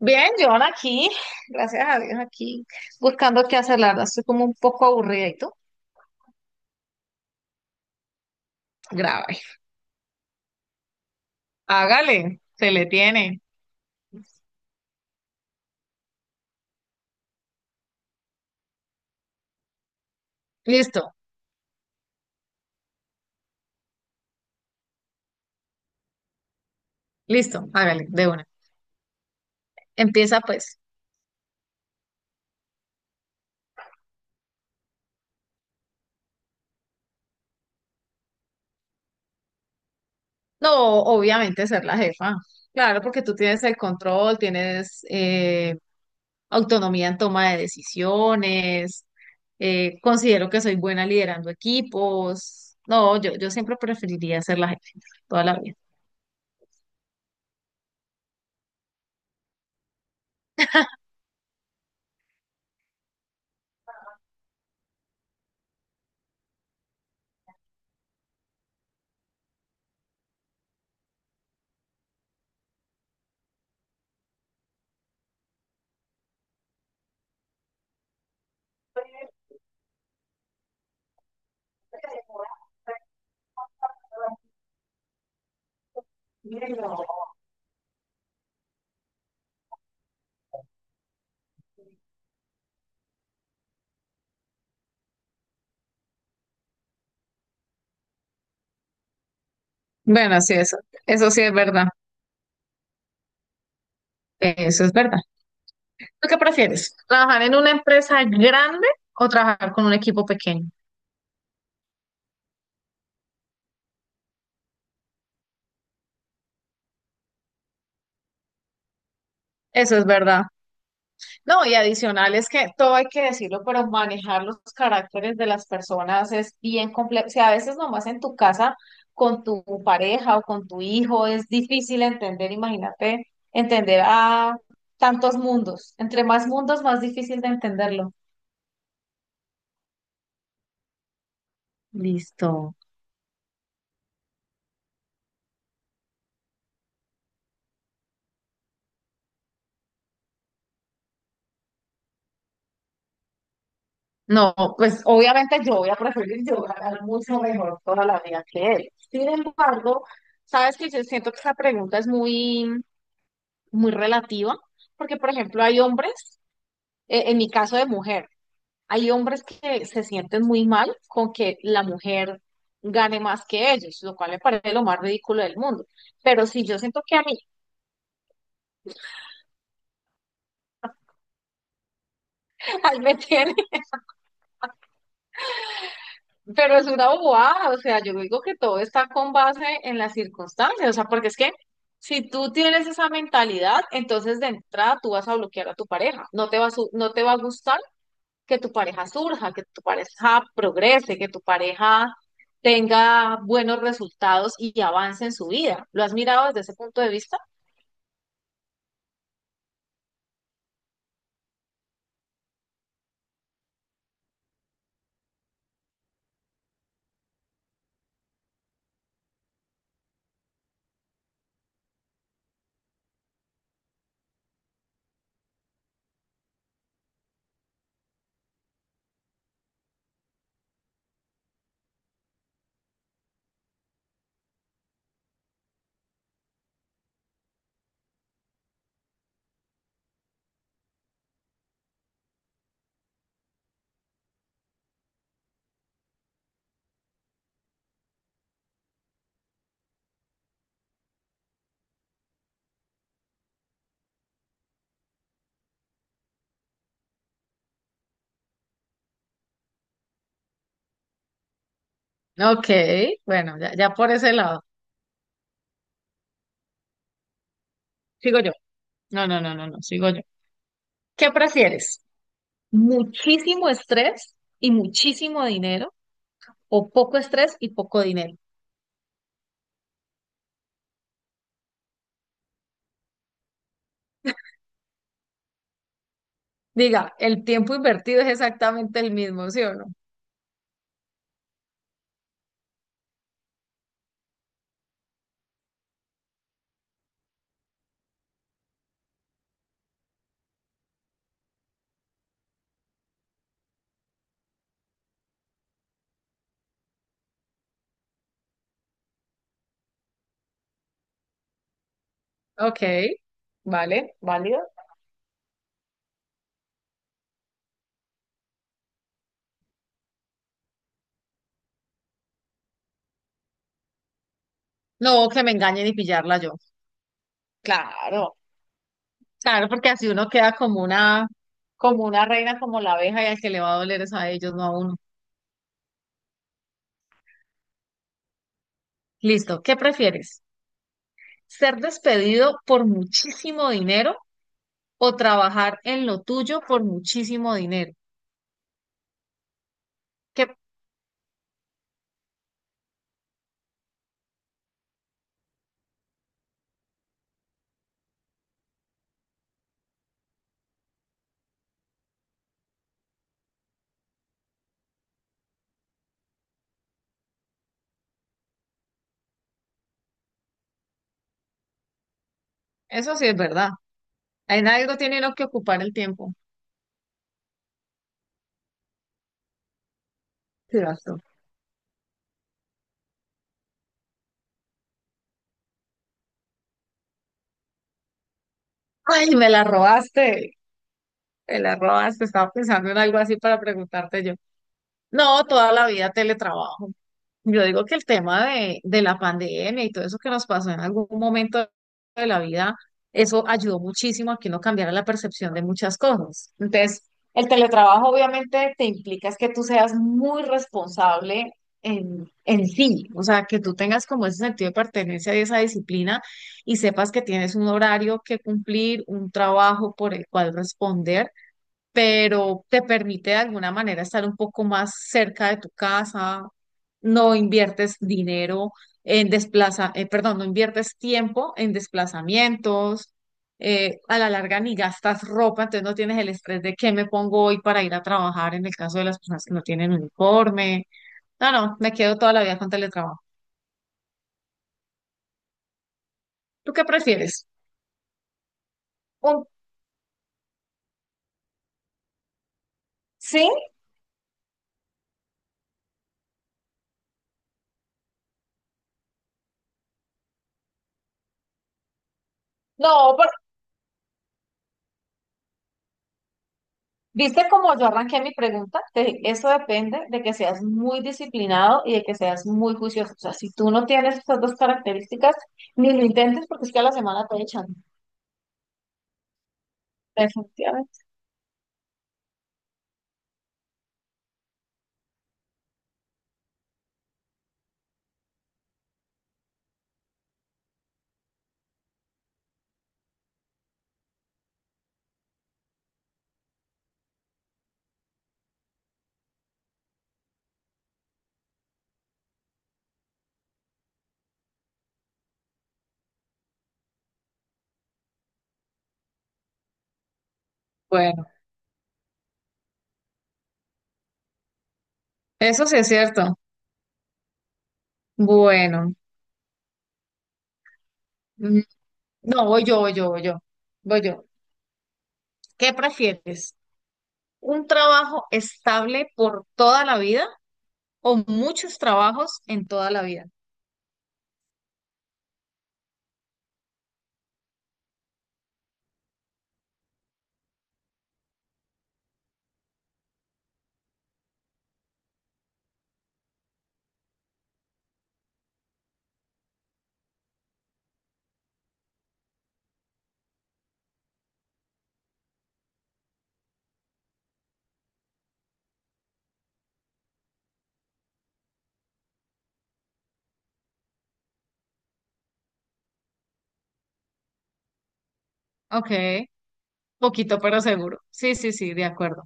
Bien, John aquí, gracias a Dios, aquí buscando qué hacer, la verdad, estoy como un poco aburrida y tú, grave. Hágale, se le tiene. Listo, listo, hágale, de una. Empieza pues. No, obviamente ser la jefa. Claro, porque tú tienes el control, tienes autonomía en toma de decisiones, considero que soy buena liderando equipos. No, yo siempre preferiría ser la jefa, toda la vida. Bueno, sí, eso sí es verdad. Eso es verdad. ¿Tú qué prefieres? ¿Trabajar en una empresa grande o trabajar con un equipo pequeño? Eso es verdad. No, y adicional es que todo hay que decirlo, pero manejar los caracteres de las personas es bien complejo. O sea, a veces nomás en tu casa con tu pareja o con tu hijo es difícil entender, imagínate, entender a tantos mundos. Entre más mundos, más difícil de entenderlo. Listo. No, pues obviamente yo voy a preferir yo ganar mucho mejor toda la vida que él. Sin embargo, sabes que yo siento que esa pregunta es muy, muy relativa, porque por ejemplo hay hombres, en mi caso de mujer, hay hombres que se sienten muy mal con que la mujer gane más que ellos, lo cual me parece lo más ridículo del mundo. Pero si yo siento que a mí, ahí me tiene. Pero es una bobada, o sea, yo digo que todo está con base en las circunstancias, o sea, porque es que si tú tienes esa mentalidad, entonces de entrada tú vas a bloquear a tu pareja, no te va a, no te va a gustar que tu pareja surja, que tu pareja progrese, que tu pareja tenga buenos resultados y avance en su vida. ¿Lo has mirado desde ese punto de vista? Ok, bueno, ya, ya por ese lado. Sigo yo. No, no, no, no, no, sigo yo. ¿Qué prefieres? ¿Muchísimo estrés y muchísimo dinero o poco estrés y poco dinero? Diga, el tiempo invertido es exactamente el mismo, ¿sí o no? Ok, vale, válido. No, que me engañen y pillarla yo. Claro, claro, porque así uno queda como una reina, como la abeja, y al que le va a doler es a ellos, no a uno. Listo, ¿qué prefieres? ¿Ser despedido por muchísimo dinero o trabajar en lo tuyo por muchísimo dinero? Que eso sí es verdad. En algo tiene uno que ocupar el tiempo. Sí, ay, me la robaste, me la robaste. Estaba pensando en algo así para preguntarte yo. No, toda la vida teletrabajo. Yo digo que el tema de la pandemia y todo eso que nos pasó en algún momento de la vida, eso ayudó muchísimo a que uno cambiara la percepción de muchas cosas. Entonces, el teletrabajo obviamente te implica es que tú seas muy responsable en sí, o sea, que tú tengas como ese sentido de pertenencia y esa disciplina y sepas que tienes un horario que cumplir, un trabajo por el cual responder pero te permite de alguna manera estar un poco más cerca de tu casa, no inviertes dinero perdón, no inviertes tiempo en desplazamientos, a la larga ni gastas ropa, entonces no tienes el estrés de qué me pongo hoy para ir a trabajar en el caso de las personas que no tienen uniforme. No, no, me quedo toda la vida con teletrabajo. ¿Tú qué prefieres? Un. ¿Sí? No, ¿viste cómo yo arranqué mi pregunta? Te dije, eso depende de que seas muy disciplinado y de que seas muy juicioso. O sea, si tú no tienes esas dos características, ni lo intentes porque es que a la semana te echan. Definitivamente. Bueno, eso sí es cierto. Bueno, mm, no, voy yo, voy yo, voy yo, voy yo. ¿Qué prefieres? ¿Un trabajo estable por toda la vida o muchos trabajos en toda la vida? Ok, poquito pero seguro. Sí, sí, sí, de acuerdo.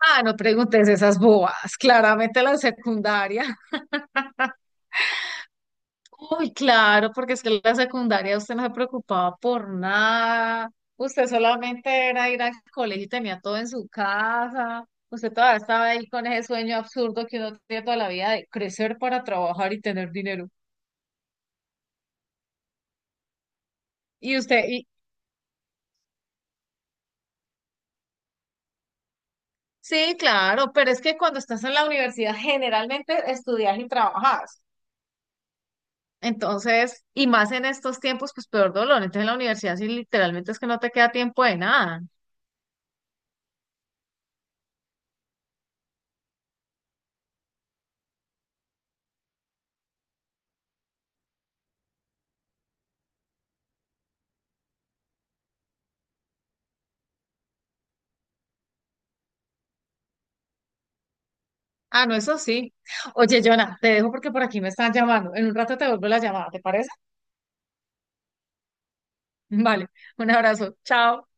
Ah, no preguntes esas bobas. Claramente la secundaria. Uy, claro, porque es que en la secundaria usted no se preocupaba por nada. Usted solamente era ir al colegio y tenía todo en su casa. Usted todavía estaba ahí con ese sueño absurdo que uno tiene toda la vida de crecer para trabajar y tener dinero. Y usted, y sí, claro, pero es que cuando estás en la universidad generalmente estudias y trabajas. Entonces, y más en estos tiempos, pues peor dolor. Entonces, en la universidad sí literalmente es que no te queda tiempo de nada. Ah, no, eso sí. Oye, Jonah, te dejo porque por aquí me están llamando. En un rato te vuelvo la llamada, ¿te parece? Vale, un abrazo. Chao.